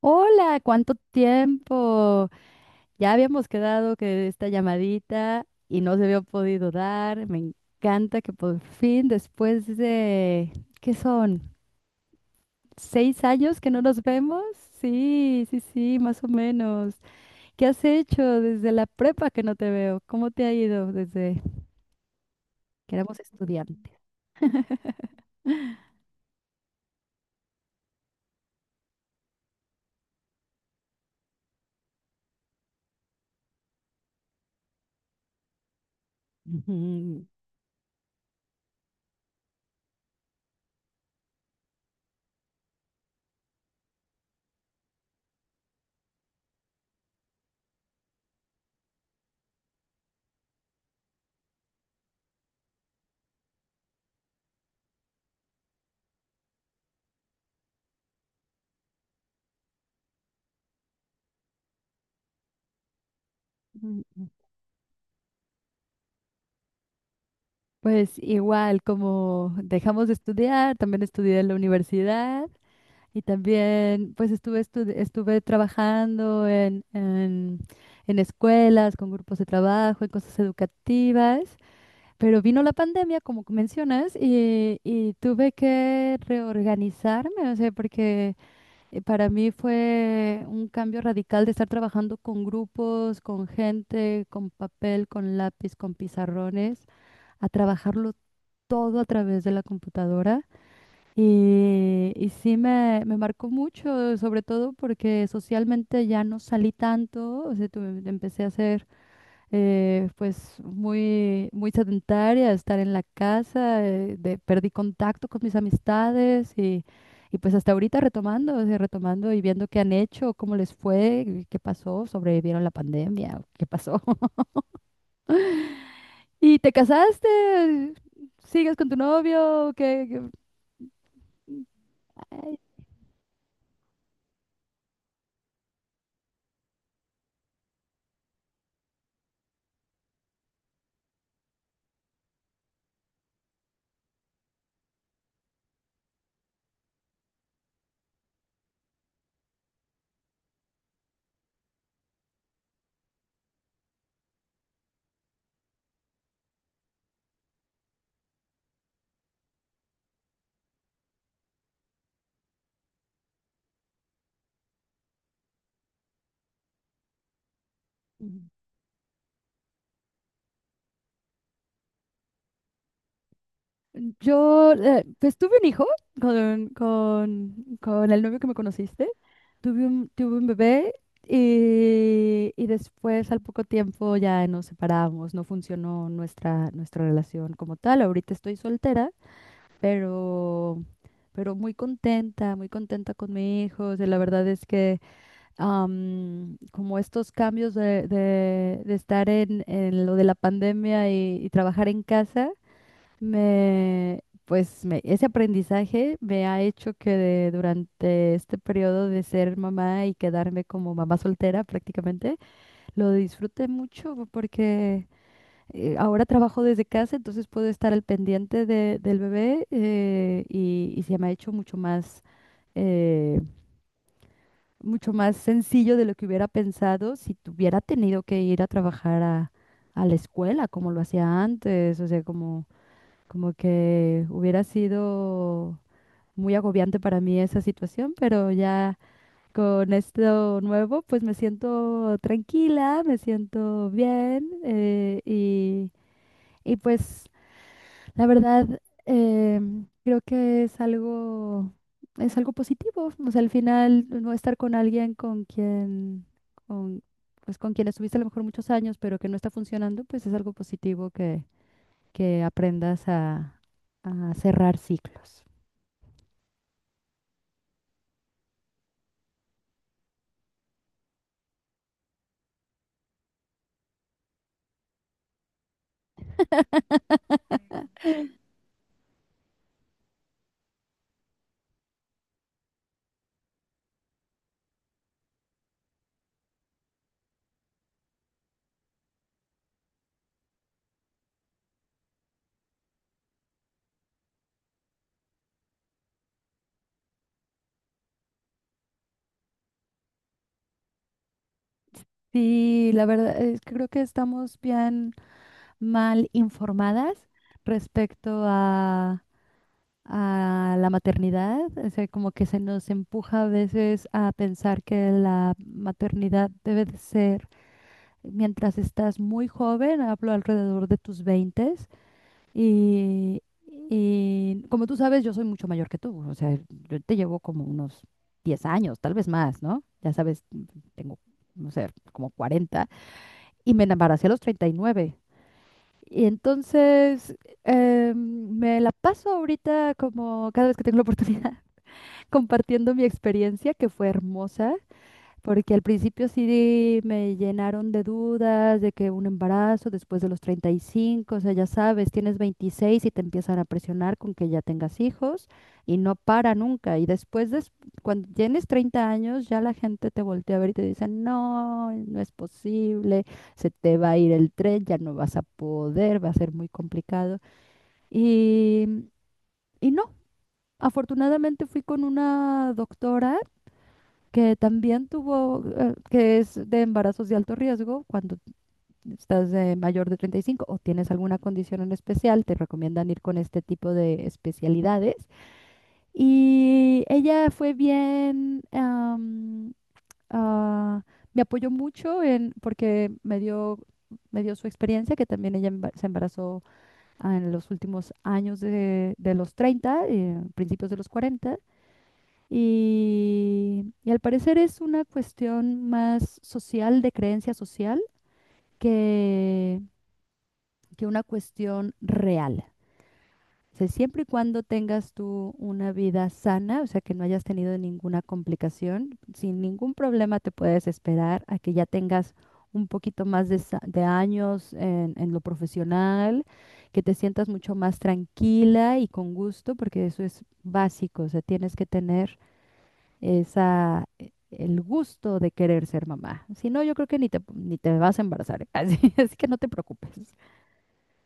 Hola, ¿cuánto tiempo? Ya habíamos quedado que esta llamadita y no se había podido dar. Me encanta que por fin, después de, ¿qué son? ¿Seis años que no nos vemos? Sí, sí, sí, más o menos. ¿Qué has hecho desde la prepa que no te veo? ¿Cómo te ha ido desde que éramos estudiantes? Ujú. Mm, pues igual, como dejamos de estudiar, también estudié en la universidad. Y también, pues estuve, estuve trabajando en escuelas, con grupos de trabajo, en cosas educativas, pero vino la pandemia, como que mencionas, y, tuve que reorganizarme, o sea, porque para mí fue un cambio radical de estar trabajando con grupos, con gente, con papel, con lápiz, con pizarrones, a trabajarlo todo a través de la computadora. Y sí me marcó mucho, sobre todo porque socialmente ya no salí tanto, o sea, empecé a ser pues muy sedentaria, estar en la casa, perdí contacto con mis amistades y pues hasta ahorita retomando, o sea, retomando y viendo qué han hecho, cómo les fue, y qué pasó, sobrevivieron la pandemia, o qué pasó. ¿Y te casaste? ¿Sigues con tu novio? ¿Qué, Ay. Yo, pues tuve un hijo con, con, con el novio que me conociste. Tuve tuve un bebé y después al poco tiempo ya nos separamos. No funcionó nuestra relación como tal. Ahorita estoy soltera, pero, pero muy contenta con mi hijo. O sea, la verdad es que como estos cambios de estar en lo de la pandemia y trabajar en casa. Ese aprendizaje me ha hecho durante este periodo de ser mamá y quedarme como mamá soltera prácticamente, lo disfruté mucho porque ahora trabajo desde casa, entonces puedo estar al pendiente del bebé y se me ha hecho eh, mucho más sencillo de lo que hubiera pensado si tuviera tenido que ir a trabajar a la escuela como lo hacía antes, o sea, como... Como que hubiera sido muy agobiante para mí esa situación, pero ya con esto nuevo, pues me siento tranquila, me siento bien y pues la verdad eh, creo que es algo positivo. O sea, al final no estar con alguien con quien, con, pues con quien estuviste a lo mejor muchos años, pero que no está funcionando, pues es algo positivo que aprendas a cerrar ciclos. Sí, la verdad es que creo que estamos bien mal informadas respecto a la maternidad. O sea, como que se nos empuja a veces a pensar que la maternidad debe de ser mientras estás muy joven, hablo alrededor de tus 20. Y, y como tú sabes, yo soy mucho mayor que tú, o sea, yo te llevo como unos 10 años, tal vez más, ¿no? Ya sabes, tengo, no sé, como 40 y me embaracé a los 39. Y nueve. Y entonces me la paso ahorita como cada vez que tengo la oportunidad compartiendo mi experiencia, que fue hermosa, porque al principio sí me llenaron de dudas de que un embarazo después de los 35, o sea, ya sabes, tienes 26 y te empiezan a presionar con que ya tengas hijos y no para nunca. Y después, cuando tienes 30 años, ya la gente te voltea a ver y te dice, no, no es posible, se te va a ir el tren, ya no vas a poder, va a ser muy complicado. Y, y no, afortunadamente fui con una doctora que también tuvo, que es de embarazos de alto riesgo cuando estás mayor de 35 o tienes alguna condición en especial, te recomiendan ir con este tipo de especialidades. Y ella fue bien, ah, me apoyó mucho en, porque me dio su experiencia, que también ella se embarazó en los últimos años de los 30, principios de los 40. Y al parecer es una cuestión más social, de creencia social, que, que una cuestión real. O sea, siempre y cuando tengas tú una vida sana, o sea, que no hayas tenido ninguna complicación, sin ningún problema te puedes esperar a que ya tengas un poquito más de, de años en lo profesional, que te sientas mucho más tranquila y con gusto, porque eso es básico, o sea, tienes que tener esa, el gusto de querer ser mamá. Si no, yo creo que ni te, ni te vas a embarazar, ¿eh? Así, así que no te preocupes.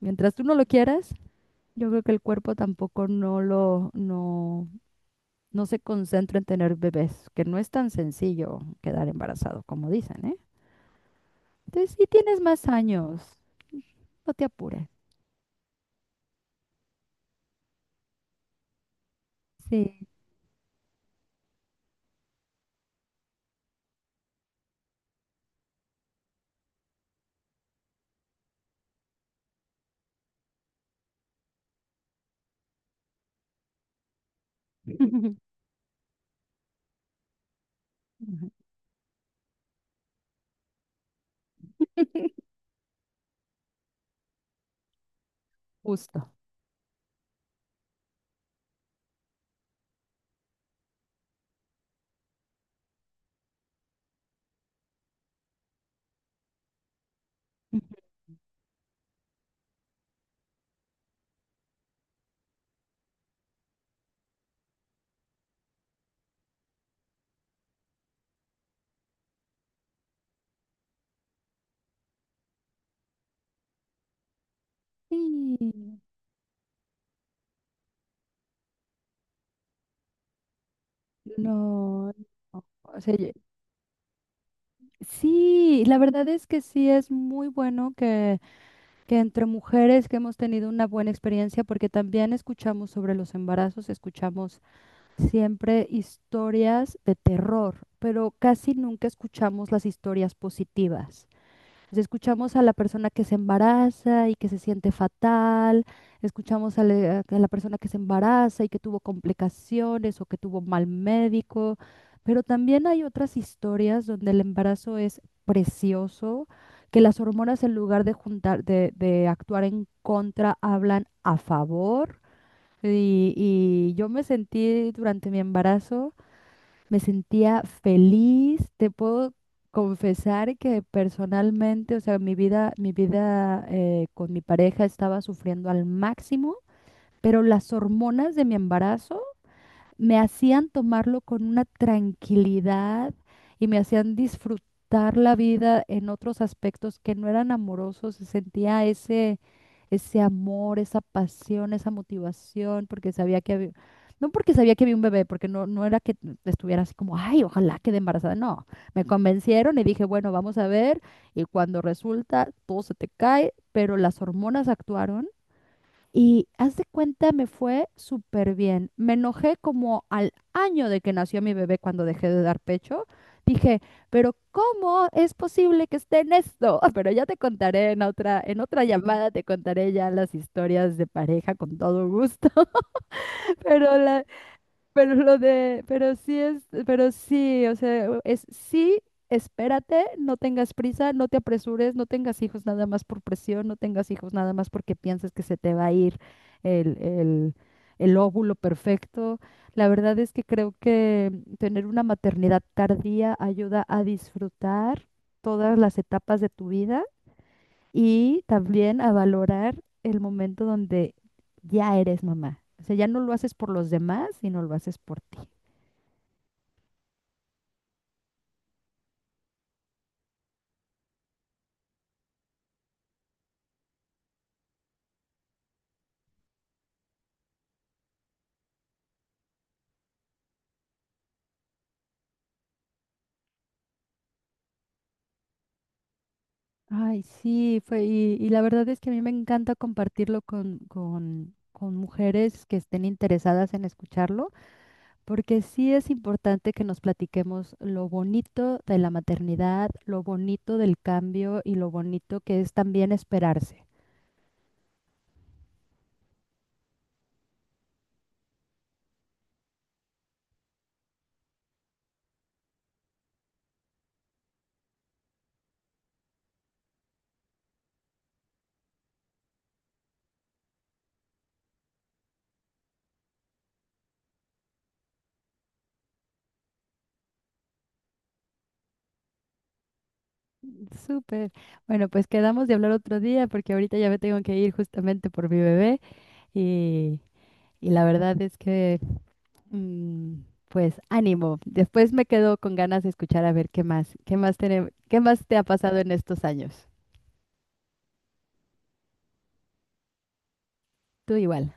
Mientras tú no lo quieras, yo creo que el cuerpo tampoco no no, no se concentra en tener bebés, que no es tan sencillo quedar embarazado, como dicen, ¿eh? Entonces, si tienes más años, no te apures. Sí. Ujú. Justo. Ujú. Sí, no, no, o sea, sí, la verdad es que sí es muy bueno que entre mujeres que hemos tenido una buena experiencia, porque también escuchamos sobre los embarazos, escuchamos siempre historias de terror, pero casi nunca escuchamos las historias positivas. Pues escuchamos a la persona que se embaraza y que se siente fatal, escuchamos a a la persona que se embaraza y que tuvo complicaciones o que tuvo mal médico, pero también hay otras historias donde el embarazo es precioso, que las hormonas en lugar de juntar, de actuar en contra, hablan a favor. Y yo me sentí durante mi embarazo me sentía feliz. Te puedo confesar que personalmente, o sea, mi vida con mi pareja estaba sufriendo al máximo, pero las hormonas de mi embarazo me hacían tomarlo con una tranquilidad y me hacían disfrutar la vida en otros aspectos que no eran amorosos. Se sentía ese, ese amor, esa pasión, esa motivación, porque sabía que había, no porque sabía que había un bebé, porque no, no era que estuviera así como, ay, ojalá quede embarazada. No, me convencieron y dije, bueno, vamos a ver. Y cuando resulta, todo se te cae, pero las hormonas actuaron y haz de cuenta, me fue súper bien. Me enojé como al año de que nació mi bebé cuando dejé de dar pecho. Dije, pero ¿cómo es posible que esté en esto? Pero ya te contaré en otra llamada, te contaré ya las historias de pareja con todo gusto. Pero la, pero lo de, pero sí es, pero sí, o sea, u- es sí, espérate, no tengas prisa, no te apresures, no tengas hijos nada más por presión, no tengas hijos nada más porque piensas que se te va a ir el, el, el óvulo perfecto. La verdad es que creo que tener una maternidad tardía ayuda a disfrutar todas las etapas de tu vida y también a valorar el momento donde ya eres mamá. O sea, ya no lo haces por los demás, sino lo haces por ti. Ay, sí, fue, y la verdad es que a mí me encanta compartirlo con mujeres que estén interesadas en escucharlo, porque sí es importante que nos platiquemos lo bonito de la maternidad, lo bonito del cambio y lo bonito que es también esperarse. Súper. Bueno, pues quedamos de hablar otro día porque ahorita ya me tengo que ir justamente por mi bebé y, y la verdad es que, mm, pues ánimo. Después me quedo con ganas de escuchar a ver qué más, qué más te ha pasado en estos años. Tú igual.